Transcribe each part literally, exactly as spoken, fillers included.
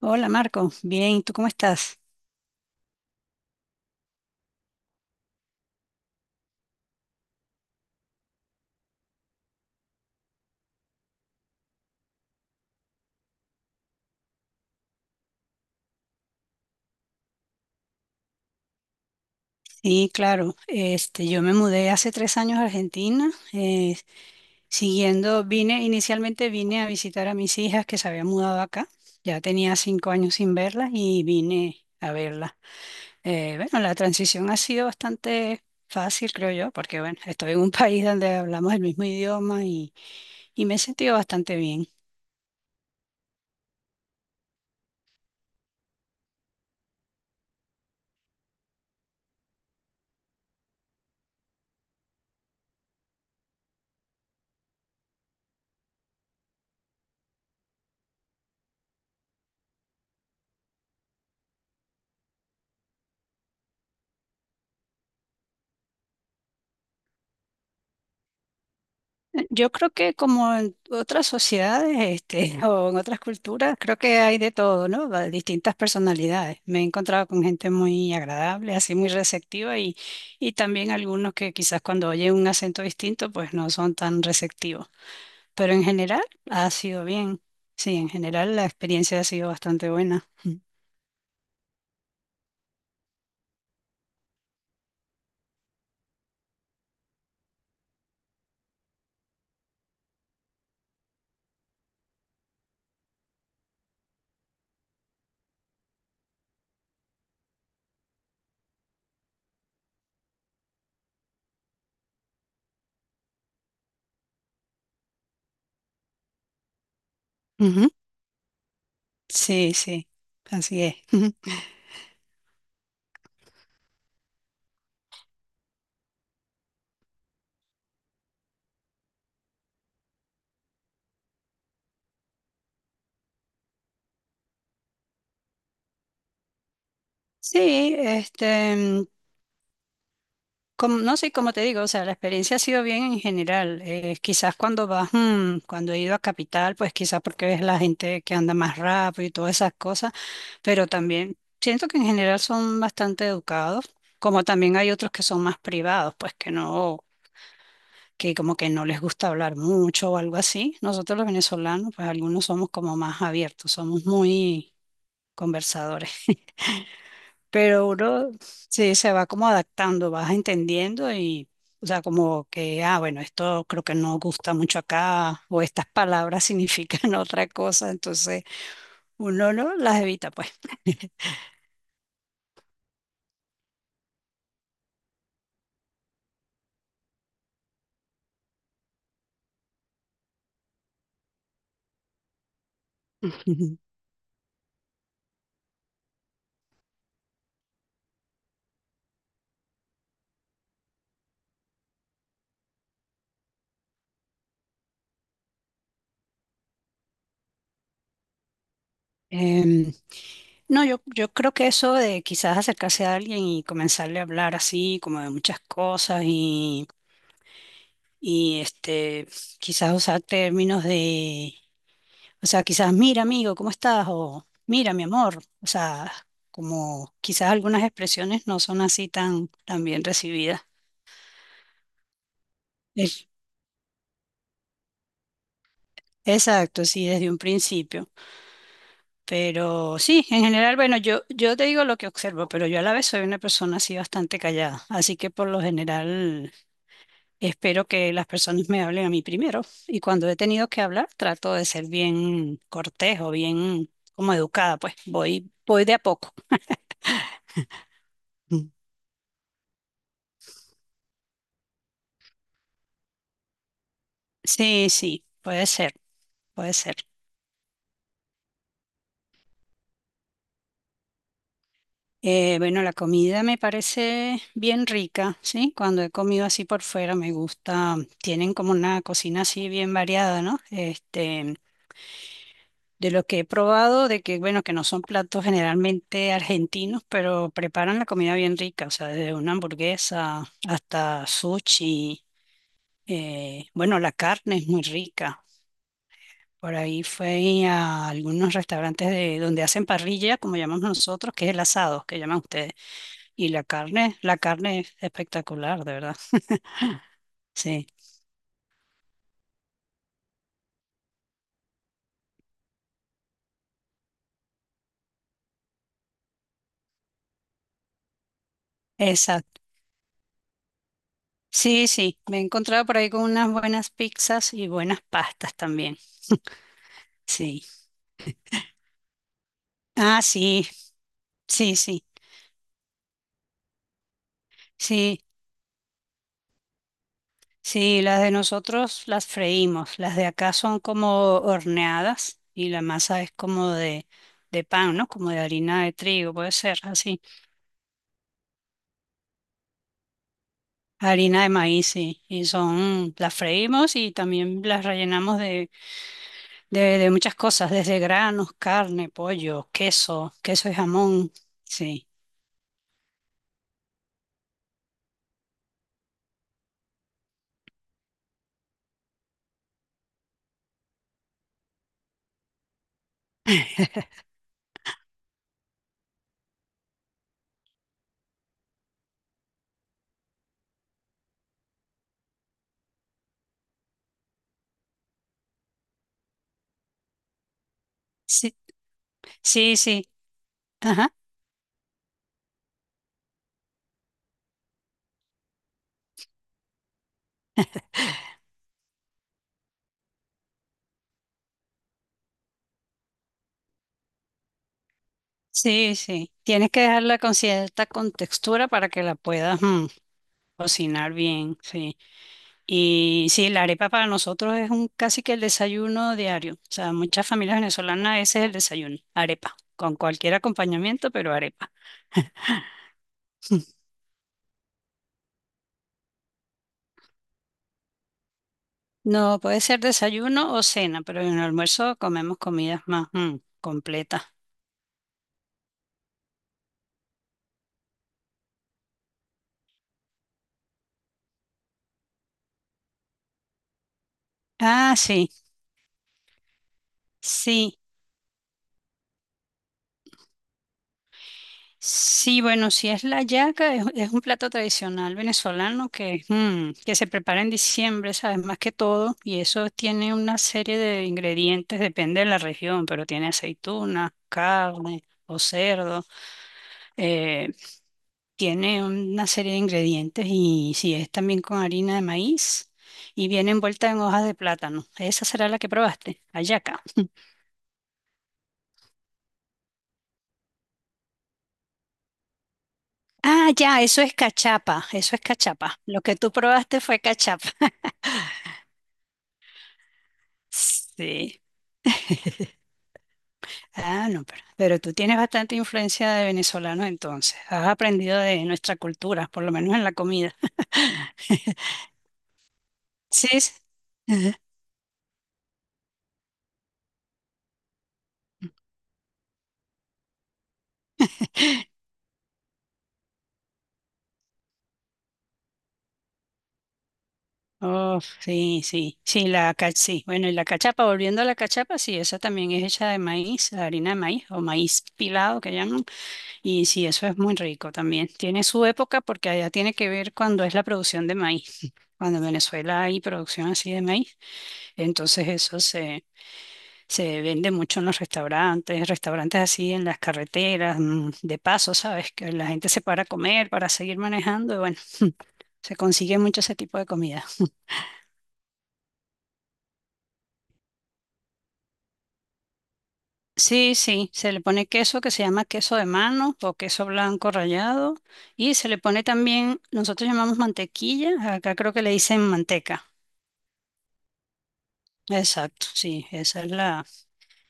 Hola Marco, bien, ¿tú cómo estás? Sí, claro, este, yo me mudé hace tres años a Argentina, eh, siguiendo, vine, inicialmente vine a visitar a mis hijas que se habían mudado acá, ya tenía cinco años sin verlas y vine a verlas. Eh, bueno, la transición ha sido bastante fácil, creo yo, porque bueno, estoy en un país donde hablamos el mismo idioma y, y me he sentido bastante bien. Yo creo que como en otras sociedades, este, o en otras culturas, creo que hay de todo, ¿no? Va- Distintas personalidades. Me he encontrado con gente muy agradable, así muy receptiva y, y también algunos que quizás cuando oyen un acento distinto, pues no son tan receptivos. Pero en general ha sido bien. Sí, en general la experiencia ha sido bastante buena. Ujú. Sí, sí, así es. Sí, este. Como- no sé, como te digo, o sea, la experiencia ha sido bien en general. Eh, quizás cuando vas, mm, cuando he ido a Capital, pues quizás porque ves la gente que anda más rápido y todas esas cosas, pero también siento que en general son bastante educados, como también hay otros que son más privados, pues que no, que como que no les gusta hablar mucho o algo así. Nosotros los venezolanos, pues algunos somos como más abiertos, somos muy conversadores. Pero uno sí se va como adaptando, vas entendiendo y, o sea, como que, ah, bueno, esto creo que no gusta mucho acá, o estas palabras significan otra cosa, entonces uno no las evita, pues. Ujú. Em, no, yo, yo creo que eso de quizás acercarse a alguien y comenzarle a hablar así, como de muchas cosas y, y este, quizás usar términos de. O sea, quizás, mira, amigo, ¿cómo estás? O mira, mi amor. O sea, como quizás algunas expresiones no son así tan, tan bien recibidas. Es- Exacto, sí, desde un principio. Pero sí, en general, bueno, yo, yo te digo lo que observo, pero yo a la vez soy una persona así bastante callada. Así que por lo general espero que las personas me hablen a mí primero. Y cuando he tenido que hablar, trato de ser bien cortés o bien como educada, pues voy, voy de a poco. Mm. Sí, sí, puede ser. Puede ser. Eh, bueno, la comida me parece bien rica, ¿sí? Cuando he comido así por fuera me gusta. Tienen como una cocina así bien variada, ¿no? Este, de lo que he probado, de que, bueno, que no son platos generalmente argentinos, pero preparan la comida bien rica, o sea, desde una hamburguesa hasta sushi. Eh, bueno, la carne es muy rica. Por ahí fue a algunos restaurantes de, donde hacen parrilla, como llamamos nosotros, que es el asado, que llaman ustedes. Y la carne, la carne es espectacular, de verdad. Sí, exacto. Sí, sí, me he encontrado por ahí con unas buenas pizzas y buenas pastas también. Sí. Ah, sí, sí, sí, sí, sí, las de nosotros las freímos, las de acá son como horneadas y la masa es como de, de pan, ¿no? Como de harina de trigo, puede ser así, harina de maíz, sí, y son, las freímos y también las rellenamos de de, de muchas cosas, desde granos, carne, pollo, queso, queso y jamón. Sí, sí, sí, sí, ajá, sí, sí. Tienes que dejarla con cierta contextura para que la puedas mm, cocinar bien, sí. Y sí, la arepa para nosotros es un casi que el desayuno diario. O sea, muchas familias venezolanas ese es el desayuno, arepa, con cualquier acompañamiento, pero arepa. No, puede ser desayuno o cena, pero en el almuerzo comemos comidas más mm, completas. Ah, sí. Sí, sí, bueno, si es la yaca, es, es un plato tradicional venezolano que, mm, que se prepara en diciembre, ¿sabes? Más que todo, y eso tiene una serie de ingredientes, depende de la región, pero tiene aceituna, carne o cerdo, eh, tiene una serie de ingredientes y si es también con harina de maíz. Y viene envuelta en hojas de plátano. Esa será la que probaste, la yaca. Ah, ya, eso es cachapa, eso es cachapa. Lo que tú probaste fue cachapa. Sí. Ah, no, pero, pero tú tienes bastante influencia de venezolanos entonces. Has aprendido de nuestra cultura, por lo menos en la comida. Sí, s- oh, sí, sí, sí, la ca- sí. Bueno, y la cachapa, volviendo a la cachapa, sí, esa también es hecha de maíz, harina de maíz o maíz pilado que llaman. Y sí, eso es muy rico también. Tiene su época porque allá tiene que ver cuando es la producción de maíz. Cuando en Venezuela hay producción así de maíz, entonces eso se vende mucho en los restaurantes, restaurantes así en las carreteras, mm, de paso, ¿sabes? Que la gente se para a comer, para seguir manejando, y bueno, se consigue mucho ese tipo de comida. Sí, sí, se le pone queso que se llama queso de mano o queso blanco rallado, y se le pone también, nosotros llamamos mantequilla, acá creo que le dicen manteca. Exacto, sí, esa es la.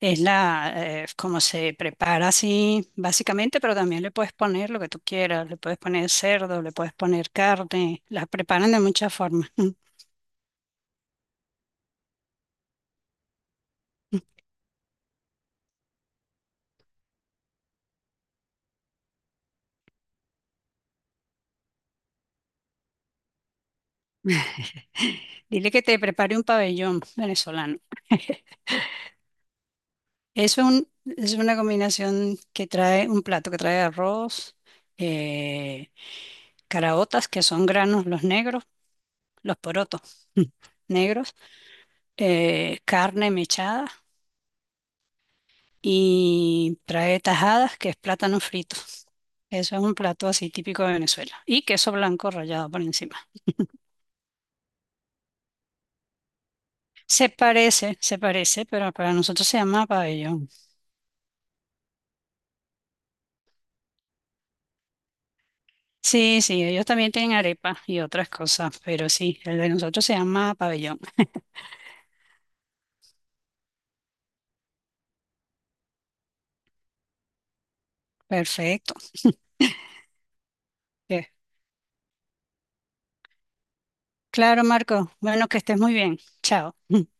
Es la, eh, como se prepara así, básicamente, pero también le puedes poner lo que tú quieras, le puedes poner cerdo, le puedes poner carne, la preparan de muchas formas. Dile que te prepare un pabellón venezolano. Es un, es una combinación que trae un plato que trae arroz, eh, caraotas, que son granos los negros, los porotos negros, eh, carne mechada y trae tajadas, que es plátano frito. Eso es un plato así típico de Venezuela. Y queso blanco rallado por encima. Se parece, se parece, pero para nosotros se llama pabellón. Sí, sí, ellos también tienen arepa y otras cosas, pero sí, el de nosotros se llama pabellón. Perfecto. Eh, Claro, Marco. Bueno, que estés muy bien. Chao.